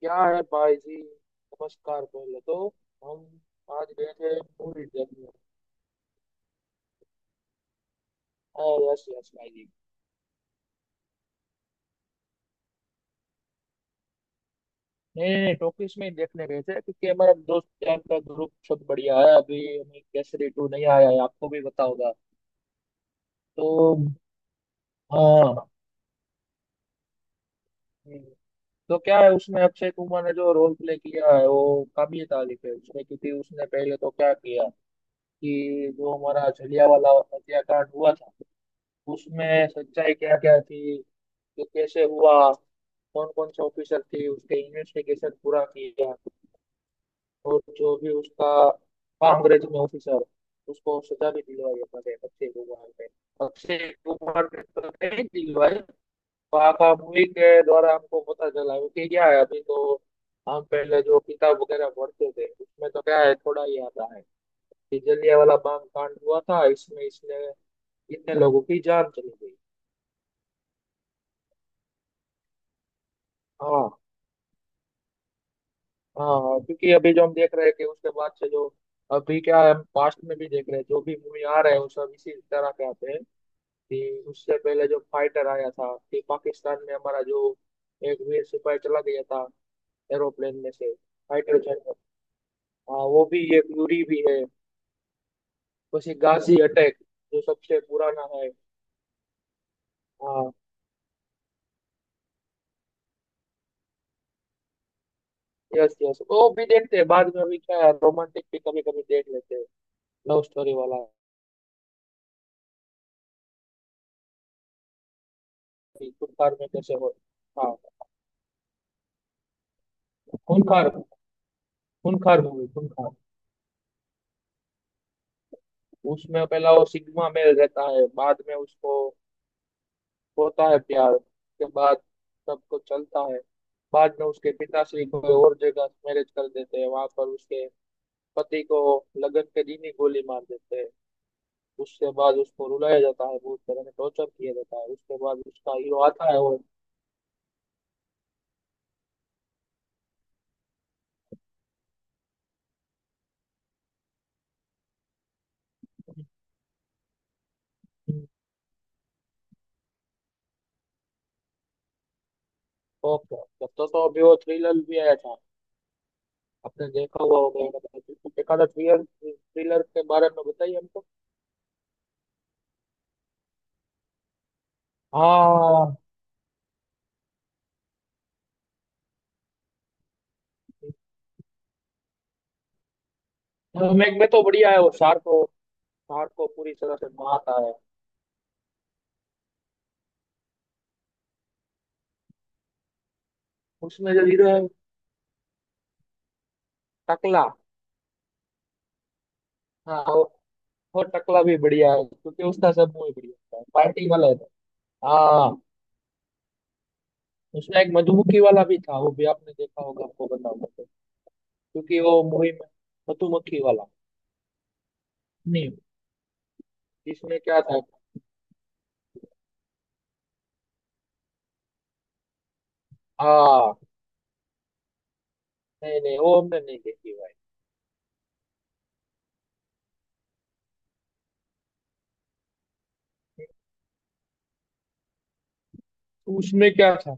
क्या है भाई जी, नमस्कार बोले तो। हम आज गए थे मूवी देखने। हाँ, यस यस भाई जी। नहीं नहीं, टॉकीज में ही देखने गए थे क्योंकि हमारा दोस्त यार का ग्रुप सब बढ़िया है। अभी हमें केसरी टू नहीं आया है, आपको भी पता होगा। तो हाँ हम्म, तो क्या है, उसमें अक्षय कुमार ने जो रोल प्ले किया है वो काबिल तारीफ है। उसमें क्योंकि उसने पहले तो क्या किया कि जो हमारा जलियांवाला हत्याकांड हुआ था, उसमें सच्चाई क्या क्या थी, तो कैसे हुआ, कौन कौन से ऑफिसर थे, उसके इन्वेस्टिगेशन पूरा किया। और जो भी उसका कांग्रेस में ऑफिसर, उसको सजा भी दिलवाई अपने अक्षय कुमार ने। अक्षय कुमार ने तो नहीं दिलवाई, पापा मूवी के द्वारा हमको पता चला। क्योंकि क्या है, अभी तो हम पहले जो किताब वगैरह पढ़ते थे उसमें तो क्या है, थोड़ा ही आता है कि जलियांवाला बाग कांड हुआ था, इसमें इसने इतने लोगों की जान चली गई। हाँ हाँ, क्योंकि अभी जो हम देख रहे हैं कि उसके बाद से जो अभी क्या है, हम पास्ट में भी देख रहे हैं जो भी मूवी आ रहे हैं वो सब इसी तरह के आते हैं। कि उससे पहले जो फाइटर आया था, कि पाकिस्तान में हमारा जो एक वीर सिपाही चला गया था एरोप्लेन में से, फाइटर जेट में। हाँ, वो भी एक यूरी भी है। वैसे गाजी अटैक जो सबसे पुराना है। हाँ, यस यस, वो भी देखते हैं। बाद में अभी क्या है, रोमांटिक भी कभी कभी देख लेते हैं, लव स्टोरी वाला। कि खूंखार में कैसे हो। हाँ, खूंखार, खूंखार मूवी, खूंखार। उसमें पहला वो सिग्मा मेल रहता है, बाद में उसको होता है प्यार, के बाद सबको चलता है। बाद में उसके पिताश्री कोई और जगह मैरिज कर देते हैं, वहां पर उसके पति को लगन के दिन ही गोली मार देते हैं। उसके बाद उसको रुलाया जाता है, बहुत तरह से टॉर्चर किया जाता है, उसके बाद उसका हीरो आता है और ओके। तब तो अभी वो थ्रिलर भी आया था, आपने देखा हुआ होगा। मतलब एक आधा थ्रिलर, थ्रिलर के बारे में बताइए हमको। हाँ, मैक में तो बढ़िया है, वो सार को, सार को पूरी तरह से मारता है। उसमें जो हीरो है, टकला। हाँ वो, वो टकला भी बढ़िया है क्योंकि उसका सब मूवी बढ़िया होता है, पार्टी वाला है तो। हाँ, उसमें एक मधुमक्खी वाला भी था, वो भी आपने देखा होगा, आपको बताऊंगा तो। क्योंकि वो मूवी में मधुमक्खी वाला। नहीं, इसमें क्या था। हाँ, नहीं नहीं, वो हमने नहीं देखी भाई। उसमें क्या था।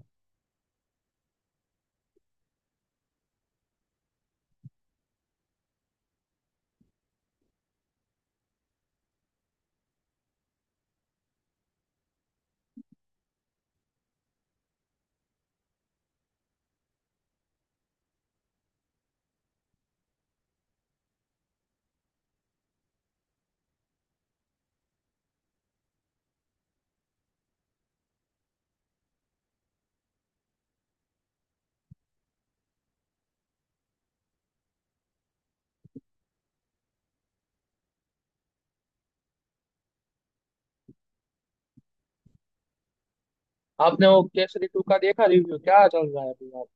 आपने वो केसरी टू का देखा, रिव्यू क्या चल रहा है अभी आप।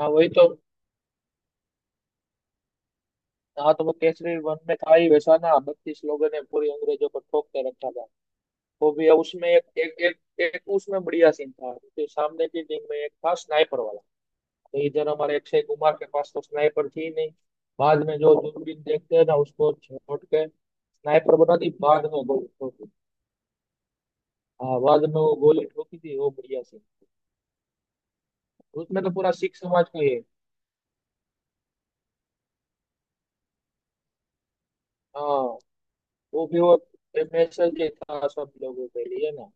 हाँ, वही तो। हाँ, तो वो केसरी वन में था ही वैसा ना, 32 लोगों ने पूरी अंग्रेजों को ठोक के रखा था। वो भी उसमें एक उसमें बढ़िया सीन था, क्योंकि सामने की टीम में एक था स्नाइपर वाला। तो इधर हमारे अक्षय कुमार के पास तो स्नाइपर थी ही नहीं। बाद में जो दूरबीन देखते हैं ना, उसको छोड़ के स्नाइपर बना दी, बाद में गोली ठोकी। हाँ, बाद में वो गोली ठोकी थी, वो बढ़िया सीन। उसमें तो पूरा सिख समाज का ही है। हाँ, वो भी वो मैसेज था सब लोगों के लिए ना,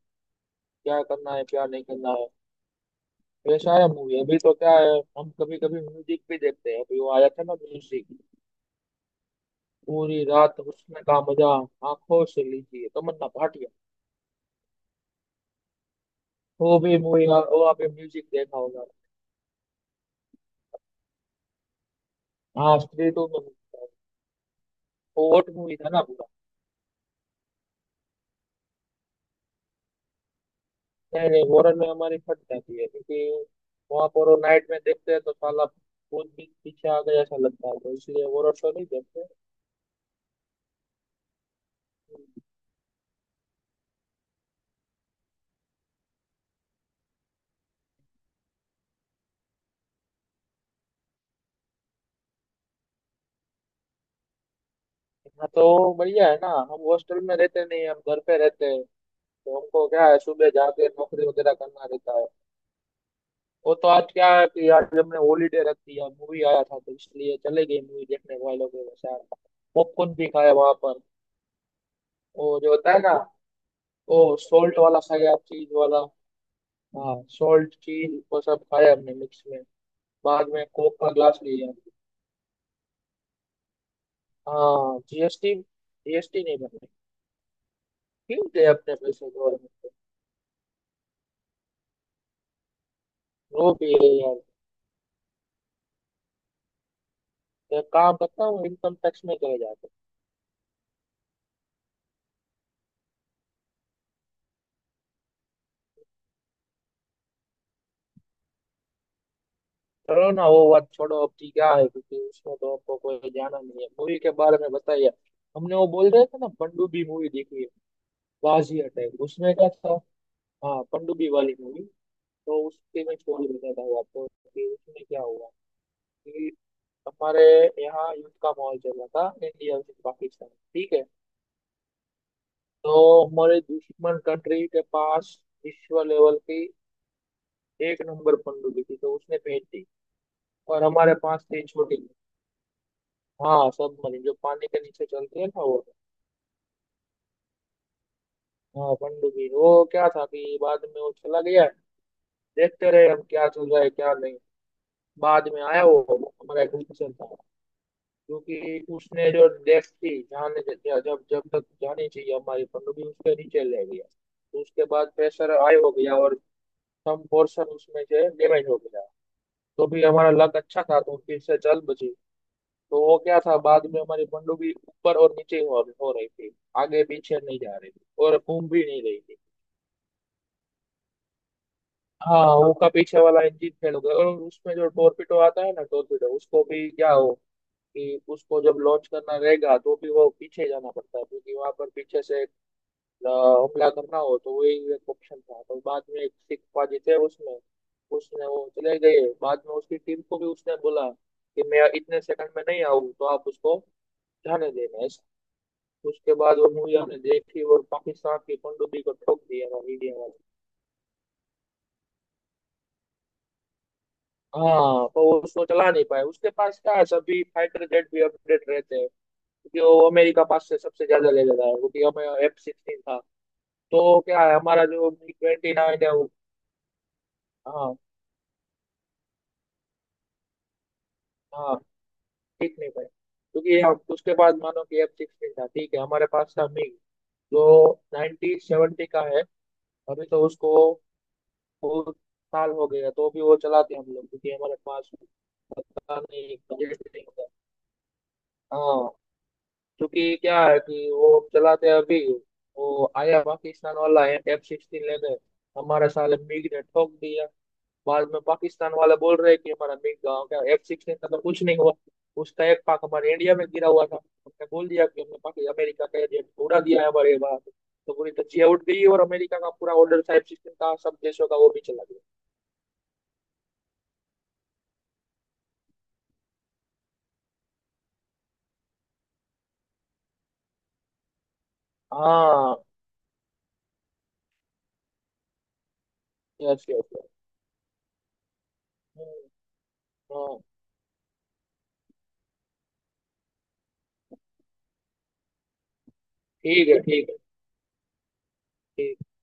क्या करना है क्या नहीं करना है। पेश आया मूवी। अभी तो क्या है, हम कभी कभी म्यूजिक भी देखते हैं। अभी वो आया था ना म्यूजिक, पूरी रात उसमें का मजा आंखों से लीजिए, तमन्ना भाटिया। वो भी मूवी, वो आपने म्यूजिक देखा होगा। हाँ, स्त्री टू में music था। वो हॉट मूवी था ना पूरा। नहीं नहीं, हॉरर में हमारी फट जाती है, क्योंकि वहां पर वो नाइट में देखते हैं तो साला भूत भी पीछे आ गया ऐसा लगता है, तो इसलिए हॉरर शो नहीं देखते। हाँ तो बढ़िया है ना। हम हॉस्टल में रहते नहीं, हम घर पे रहते हैं। तो हमको क्या है, सुबह जाके नौकरी वगैरह करना रहता है। वो तो आज क्या है कि आज हमने हॉलीडे रखी है, मूवी आया था तो इसलिए चले गए मूवी देखने वालों के साथ। पॉपकॉर्न भी खाया वहां पर, वो जो होता है ना, वो सॉल्ट वाला खाया, चीज वाला। हाँ, सॉल्ट चीज वो सब खाया हमने, मिक्स में। बाद में कोक का ग्लास लिया। हाँ, जीएसटी, जीएसटी नहीं भरना। क्यों दे अपने पैसे गवर्नमेंट को। वो भी है यार। एक काम करता हूँ, इनकम टैक्स में चले जाते। चलो ना, वो बात छोड़ो अब ठीक। क्या है, क्योंकि उसमें तो आपको कोई जाना नहीं है। मूवी के बारे में बताइए। हमने वो बोल रहे थे ना, पनडुब्बी मूवी देखी है, बाजी अटैक, उसमें क्या था। हाँ, पनडुब्बी वाली मूवी। तो उसके मैं स्टोरी बताता हूँ आपको कि उसमें क्या हुआ, कि हमारे यहाँ युद्ध का माहौल चल रहा था, इंडिया वर्सेस पाकिस्तान, ठीक है। तो हमारे दुश्मन कंट्री के पास विश्व लेवल की एक नंबर पनडुब्बी थी, तो उसने भेज दी। और हमारे पास थी छोटी। हाँ, सबमरीन, जो पानी के नीचे चलती है ना वो। हाँ, पनडुब्बी, वो क्या था कि बाद में वो चला गया। देखते रहे हम क्या चल रहा है क्या नहीं। बाद में आया वो, हमारा एक ऑफिसर था, क्योंकि उसने जो डेस्क थी जाने, जब जब तक जानी चाहिए हमारी पनडुब्बी उसके नीचे ले गया। तो उसके बाद प्रेशर हाई हो गया और सम पोर्शन उसमें से डैमेज हो गया। तो भी हमारा लक अच्छा था तो फिर से चल बची। तो वो क्या था, बाद में हमारी पनडुब्बी ऊपर और नीचे हो रही थी, आगे पीछे नहीं जा रही थी और घूम भी नहीं रही थी। हाँ वो का पीछे वाला इंजन फेल हो गया। और उसमें जो टोरपीडो आता है ना, टोरपीडो, उसको भी क्या हो कि उसको जब लॉन्च करना रहेगा तो भी वो पीछे जाना पड़ता है, क्योंकि वहां पर पीछे से हमला करना हो तो वही एक ऑप्शन था। तो बाद में एक सिख पाजी थे उसमें, उसने वो चले गए। बाद में उसकी टीम को भी उसने बोला कि मैं इतने सेकंड में नहीं आऊँ तो आप उसको जाने देना। उसके बाद वो मूवी हमने देखी, और पाकिस्तान की पनडुब्बी को ठोक दिया था मीडिया वाले। हाँ पर वो उसको चला नहीं पाए। उसके पास क्या है, सभी फाइटर जेट भी अपडेट रहते हैं क्योंकि वो अमेरिका पास से सबसे ज्यादा ले लेता है। क्योंकि हमें F 16 था, तो क्या है, हमारा जो 29 है वो। हाँ हाँ, ठीक नहीं पाए क्योंकि हम उसके बाद मानो कि F 16 था ठीक है, हमारे पास था मिग, जो 1970 का है। अभी तो उसको बहुत साल हो गया, तो भी वो चलाते हैं हम लोग क्योंकि हमारे पास, पता नहीं, बजट नहीं होता। हाँ, क्योंकि क्या है कि वो चलाते हैं अभी। वो आया पाकिस्तान वाला F 16 लेने, हमारे साले मिग ने ठोक दिया। बाद में पाकिस्तान वाले बोल रहे हैं कि हमारा मिग गाँव का, F 16 का तो कुछ नहीं हुआ। उसका एक पाक हमारे इंडिया में गिरा हुआ था, हमने बोल दिया कि हमने पाकि अमेरिका का एजेंट उड़ा दिया है हमारे यहाँ। तो पूरी तजिया उठ गई, और अमेरिका का पूरा ऑर्डर था F 16 का सब देशों का, वो भी चला गया। हाँ, यस यस। हाँ, ठीक है, ठीक है, ठीक।